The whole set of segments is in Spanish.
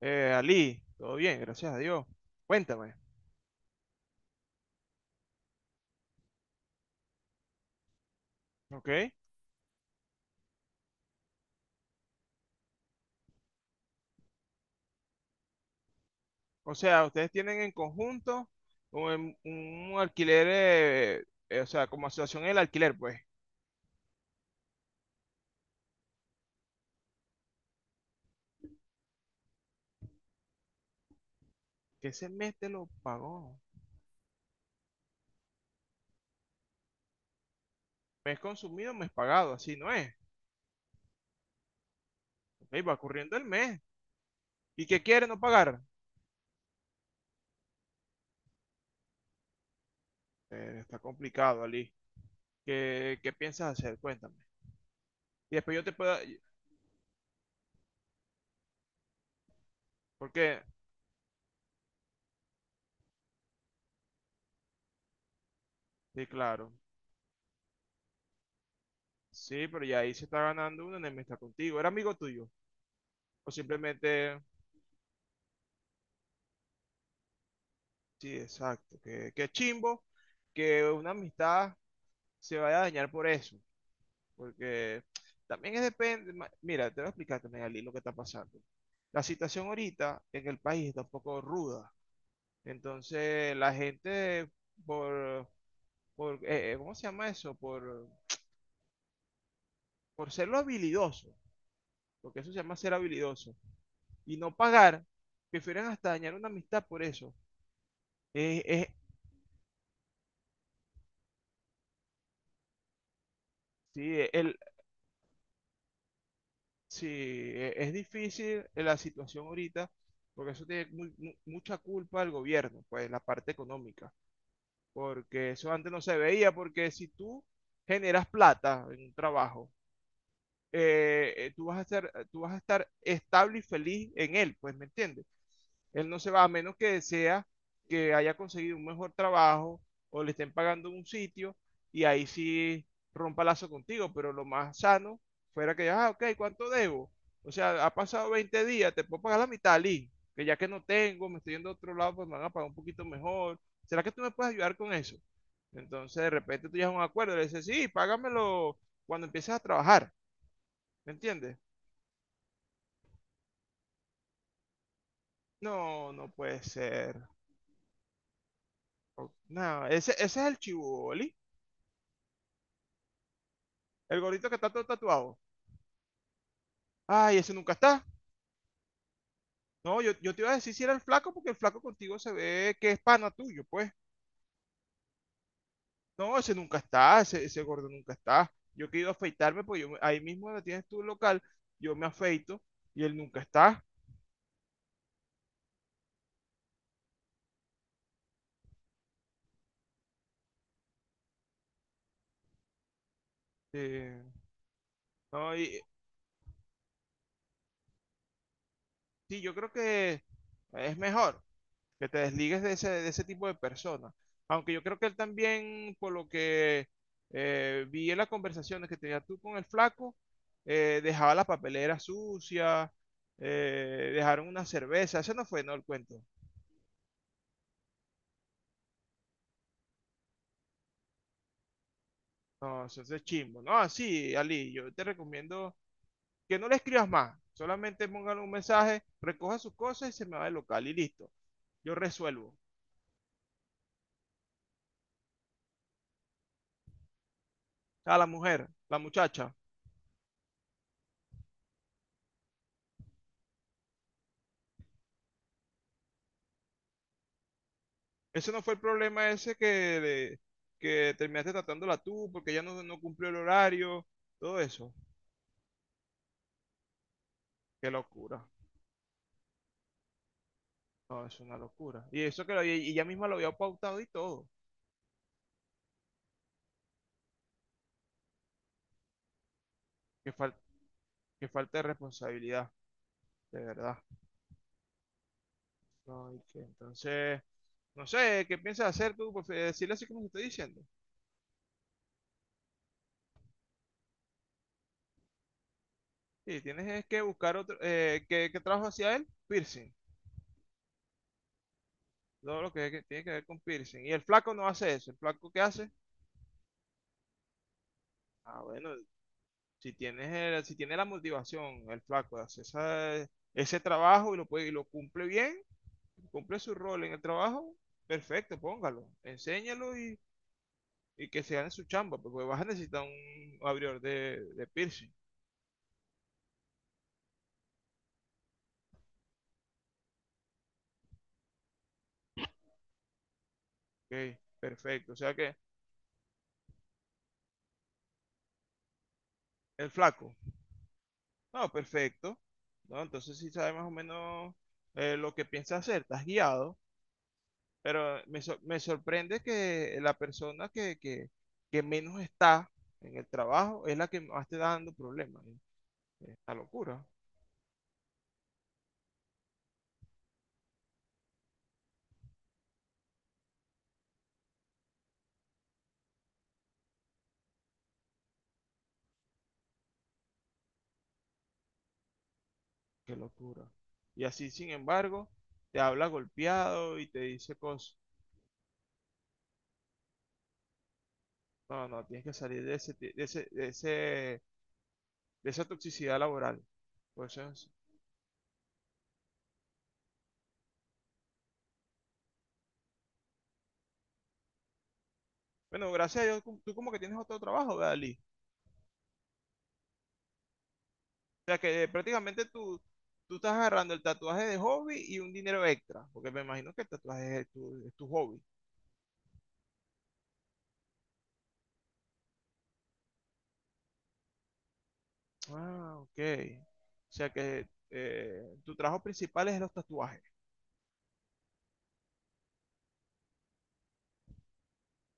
Ali, todo bien, gracias a Dios. Cuéntame, ¿ok? O sea, ustedes tienen en conjunto un, un alquiler, o sea, como asociación el alquiler, pues. Que ese mes te lo pagó. Mes consumido, mes pagado, así no es. Ok, va corriendo el mes. ¿Y qué quiere no pagar? Está complicado, Ali. ¿Qué piensas hacer? Cuéntame. Y después yo te puedo... ¿Por qué? Sí, claro. Sí, pero ya ahí se está ganando uno en el está contigo. ¿Era amigo tuyo? ¿O simplemente sí, exacto. Qué chimbo que una amistad se vaya a dañar por eso. Porque también es depende. Mira, te voy a explicar también, Ali, lo que está pasando. La situación ahorita en el país está un poco ruda. Entonces, la gente, por, ¿cómo se llama eso? Por ser lo habilidoso, porque eso se llama ser habilidoso, y no pagar, prefieren hasta dañar una amistad por eso. Es, es- sí, el, Sí, es difícil la situación ahorita, porque eso tiene mucha culpa al gobierno, pues la parte económica, porque eso antes no se veía, porque si tú generas plata en un trabajo tú vas a ser, tú vas a estar estable y feliz en él, pues, ¿me entiendes? Él no se va a menos que desea que haya conseguido un mejor trabajo o le estén pagando en un sitio y ahí sí rompa lazo contigo, pero lo más sano fuera que, ah, ok, ¿cuánto debo? O sea, ha pasado 20 días, te puedo pagar la mitad, Lee, que ya que no tengo, me estoy yendo a otro lado, pues me van a pagar un poquito mejor. ¿Será que tú me puedes ayudar con eso? Entonces, de repente tú llegas a un acuerdo, le dices, sí, págamelo cuando empieces a trabajar. ¿Me entiendes? No, no puede ser. No, ese es el chiboli, el gordito que está todo tatuado. Ay, ese nunca está. No, yo te iba a decir si era el flaco, porque el flaco contigo se ve que es pana tuyo, pues. No, ese nunca está, ese gordo nunca está. Yo quiero afeitarme, pues yo, ahí mismo donde tienes tu local, yo me afeito y él nunca está. Eh, no, y, sí, yo creo que es mejor, que te desligues de ese tipo de personas. Aunque yo creo que él también, por lo que vi en las conversaciones que tenías tú con el flaco, dejaba la papelera sucia, dejaron una cerveza, ese no fue, no, el cuento. No, eso es chimbo. No, sí, Ali, yo te recomiendo que no le escribas más, solamente pongan un mensaje, recoja sus cosas y se me va del local y listo. Yo resuelvo. A la mujer, la muchacha, ese no fue el problema ese que, que terminaste tratándola tú porque ella no, no cumplió el horario, todo eso. Qué locura. No, es una locura. Y eso que lo, y ella misma lo había pautado y todo. Qué, fal- qué falta de responsabilidad, de verdad. No, y que entonces, no sé, ¿qué piensas hacer tú? Pues, decirle así como te estoy diciendo. Sí, tienes es que buscar otro, ¿qué trabajo hacía él? Piercing. Todo lo que tiene que ver con piercing. Y el flaco no hace eso. ¿El flaco qué hace? Ah, bueno, si tienes si tiene la motivación, el flaco, de hacer ese trabajo y lo, puede, y lo cumple bien, cumple su rol en el trabajo, perfecto, póngalo, enséñalo y que se gane su chamba, porque vas a necesitar un abridor de piercing. Ok, perfecto. O sea que el flaco, no, perfecto. No, entonces sí sabes más o menos lo que piensas hacer, estás guiado. Pero me sorprende que la persona que menos está en el trabajo es la que más te está dando problemas, ¿no? Esta locura, qué locura. Y así, sin embargo, te habla golpeado y te dice cosas. No, no, tienes que salir de ese, de ese, de ese, de esa toxicidad laboral. Pues es- Bueno, gracias a Dios, tú como que tienes otro trabajo, ¿verdad, Lee? O sea que prácticamente tú, tú estás agarrando el tatuaje de hobby y un dinero extra, porque me imagino que el tatuaje es tu hobby. Ah, ok. O sea que tu trabajo principal es los tatuajes.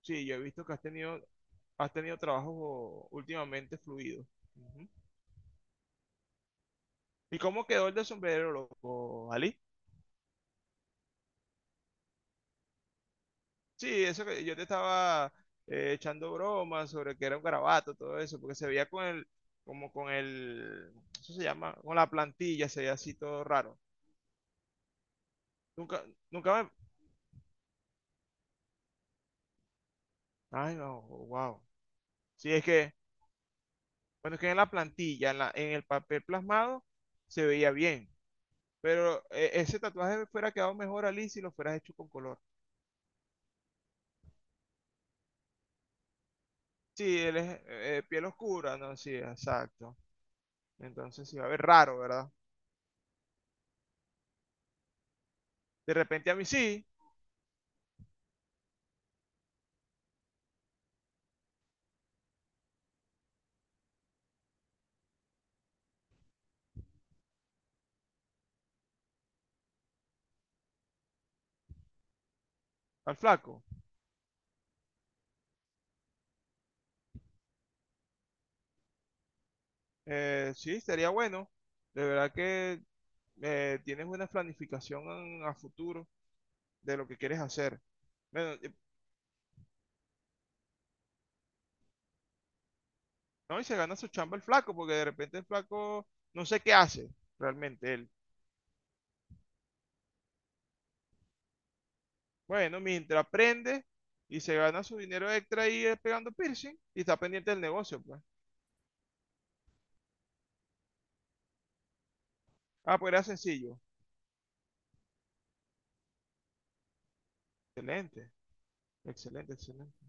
Sí, yo he visto que has tenido trabajos últimamente fluidos. Ujú. ¿Y cómo quedó el del sombrero, loco, Ali? Sí, eso que yo te estaba echando bromas sobre que era un garabato, todo eso, porque se veía con el, como con el, eso se llama, con la plantilla, se veía así todo raro. Nunca, nunca me... Ay, no, wow. Sí, es que... Bueno, es que en la plantilla, en, en el papel plasmado, se veía bien. Pero ese tatuaje fuera quedado mejor a Liz si lo fueras hecho con color. Sí, él es piel oscura, ¿no? Sí, exacto. Entonces sí va a ver raro, ¿verdad? De repente a mí sí, al flaco. Sí, sería bueno. De verdad que tienes una planificación a futuro de lo que quieres hacer. Bueno, no, y se gana su chamba el flaco, porque de repente el flaco no sé qué hace realmente él. Bueno, mientras aprende y se gana su dinero extra ahí pegando piercing y está pendiente del negocio, pues. Ah, pues era sencillo. Excelente, excelente, excelente.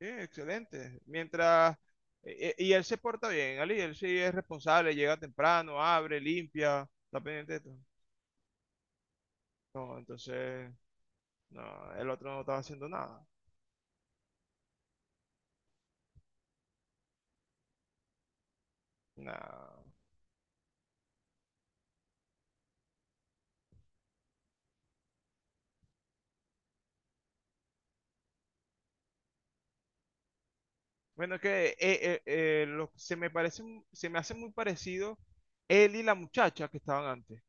Sí, excelente. Mientras, y él se porta bien, Ali, él sí es responsable, llega temprano, abre, limpia, está pendiente de todo. No, entonces, no, el otro no estaba haciendo nada. No. Bueno, es que se me parece, se me hace muy parecido él y la muchacha que estaban antes,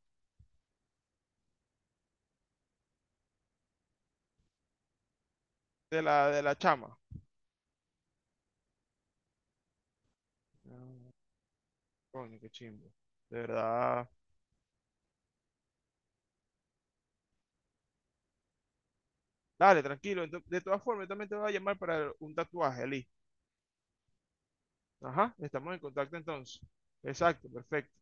de la chama. Coño, qué chimbo. De verdad. Dale, tranquilo. De todas formas, yo también te voy a llamar para un tatuaje, Ali. Ajá, estamos en contacto entonces. Exacto, perfecto.